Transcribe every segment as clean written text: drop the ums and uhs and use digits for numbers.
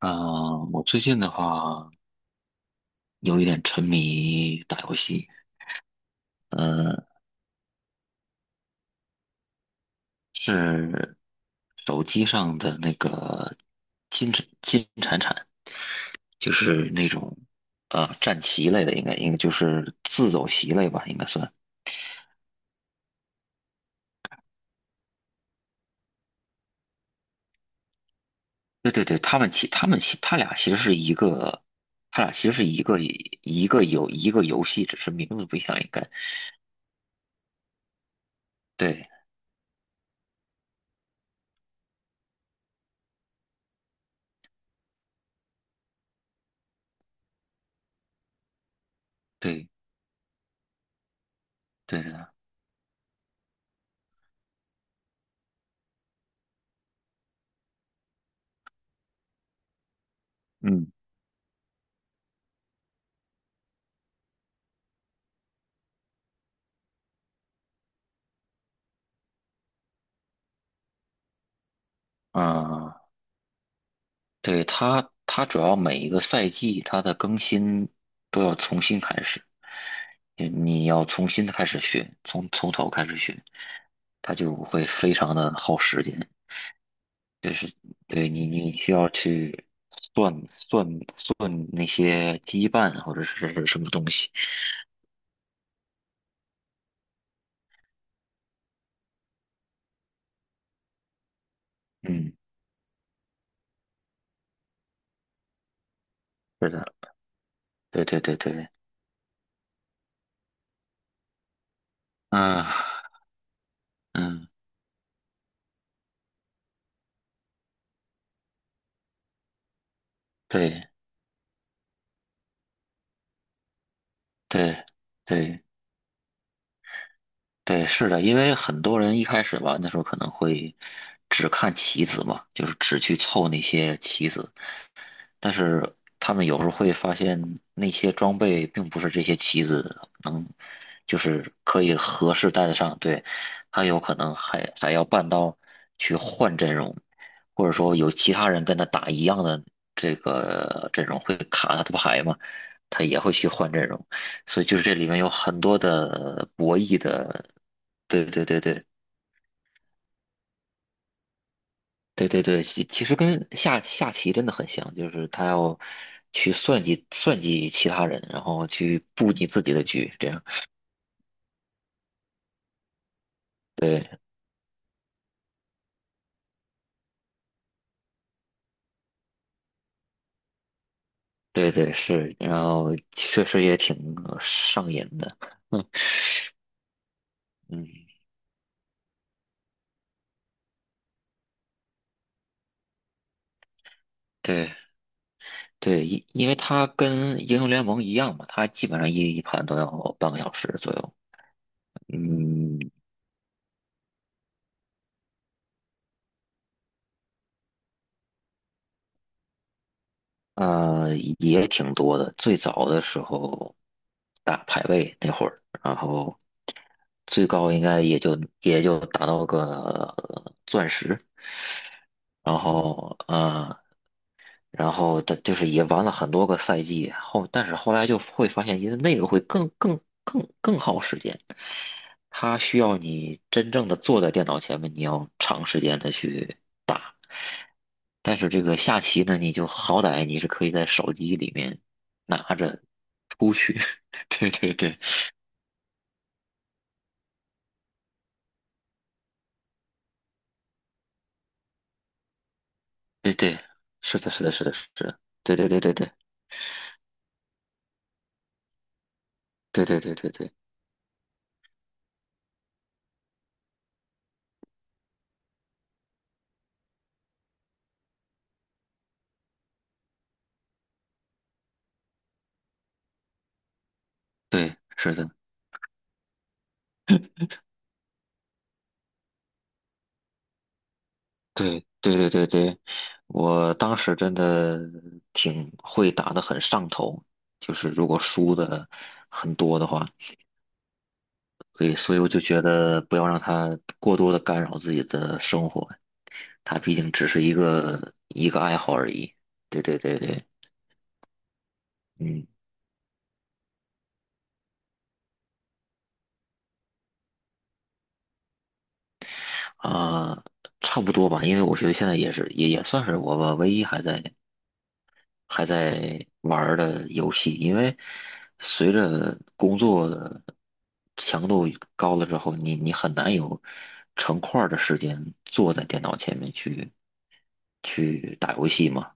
嗯，我最近的话有一点沉迷打游戏。嗯，是手机上的那个金铲铲，就是那种战棋类的，应该就是自走棋类吧，应该算。对对对，他俩其实是一个，他俩其实是一个一个游戏，只是名字不一样，应该。对对对的。嗯啊。呃对，它主要每一个赛季它的更新都要重新开始，就你要重新的开始学，从头开始学，它就会非常的耗时间。对，你需要去算算算那些羁绊或者是什么东西。嗯，是的，对对对对，嗯嗯，对对对对，是的，因为很多人一开始玩的时候可能会只看棋子嘛，就是只去凑那些棋子，但是他们有时候会发现那些装备并不是这些棋子能，就是可以合适带得上。对，他有可能还要办到去换阵容，或者说有其他人跟他打一样的这个阵容会卡他的牌嘛，他也会去换阵容。所以就是这里面有很多的博弈的。对对对对，对对对，其实跟下棋真的很像，就是他要去算计算计其他人，然后去布你自己的局，这样。对对对，是，然后确实也挺上瘾的。嗯嗯，对对，因为它跟英雄联盟一样嘛，它基本上一盘都要半个小时左右。嗯，也挺多的。最早的时候打排位那会儿，然后最高应该也就打到个钻石。然后的就是也玩了很多个赛季后，但是后来就会发现，因为那个会更耗时间，它需要你真正的坐在电脑前面，你要长时间的去打。但是这个下棋呢，你就好歹你是可以在手机里面拿着出去。对对对对对，是的，是的，是的，是的，对对对对对对对对对对对，是的，对对对对对，我当时真的挺会打的，很上头，就是如果输的很多的话，所以我就觉得不要让它过多的干扰自己的生活，它毕竟只是一个爱好而已。对对对对。嗯啊，差不多吧，因为我觉得现在也算是我吧唯一还在玩儿的游戏，因为随着工作的强度高了之后，你很难有成块儿的时间坐在电脑前面去打游戏嘛。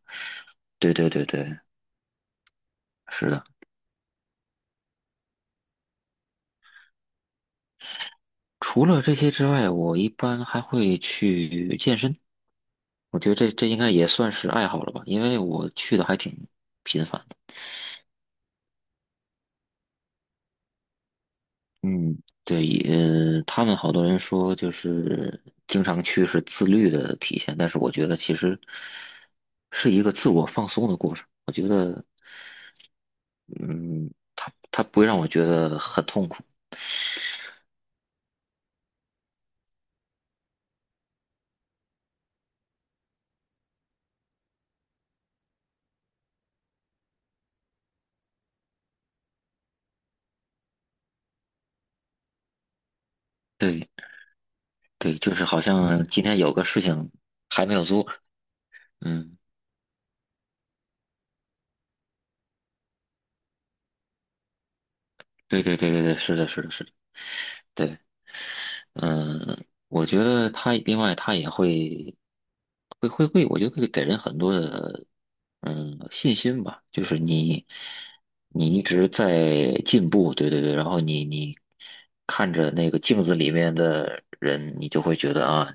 对对对对，是的。除了这些之外，我一般还会去健身。我觉得这应该也算是爱好了吧，因为我去的还挺频繁。嗯，对，他们好多人说就是经常去是自律的体现，但是我觉得其实是一个自我放松的过程。我觉得，嗯，他不会让我觉得很痛苦。对对，就是好像今天有个事情还没有做。嗯，对对对对对，是的，是的，是的，对。嗯，我觉得他另外他也会，我觉得会给人很多的信心吧，就是你一直在进步。对对对，然后你看着那个镜子里面的人，你就会觉得啊。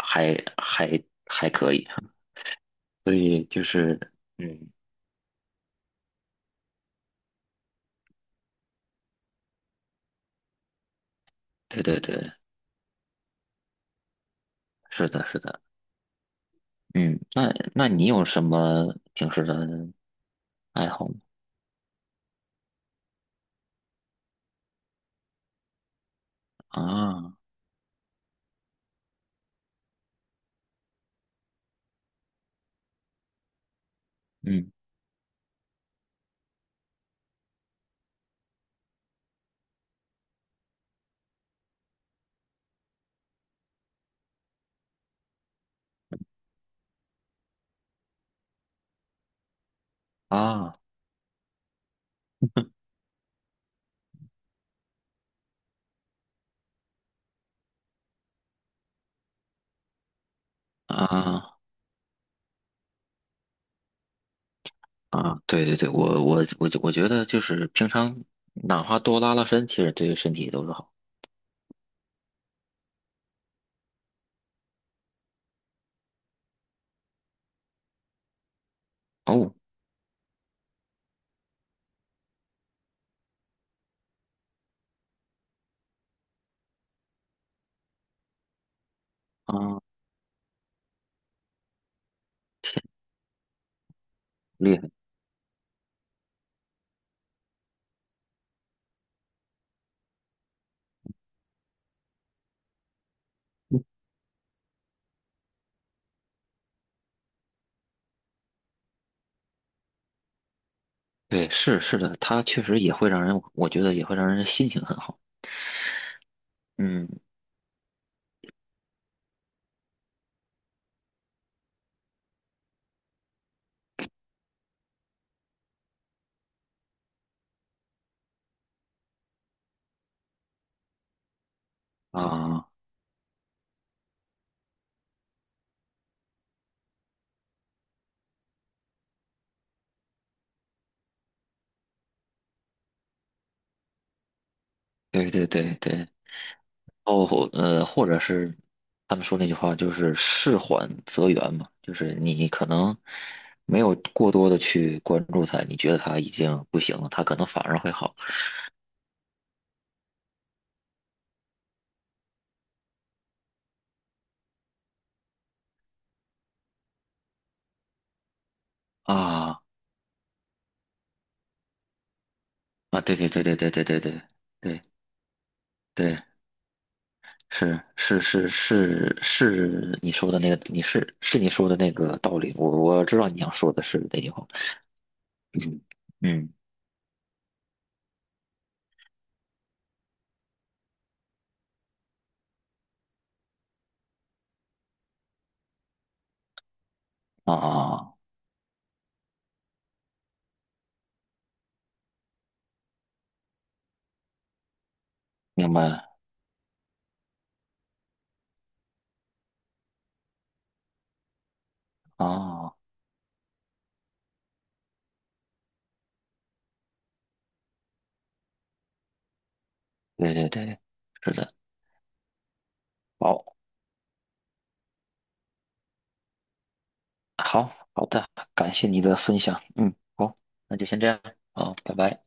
还还所以就是对对对，是的，是的，嗯，那你有什么平时的爱好吗？啊，嗯啊啊。啊，对对对，我觉得就是平常哪怕多拉拉伸，其实对身体都是好。哦，啊，天，厉害！嗯，对，是的，它确实也会让人，我觉得也会让人心情很好。嗯啊，对对对对，哦,或者是他们说那句话就是"事缓则圆"嘛，就是你可能没有过多的去关注它，你觉得他已经不行了，他可能反而会好啊啊！对对对对对对对对对。对，是是是是是，你说的那个，你是是你说的那个道理，我知道你想说的是那句话。嗯嗯啊，啊明白了啊，对对对，是的，好，好好的，感谢你的分享，嗯，好，那就先这样，好，拜拜。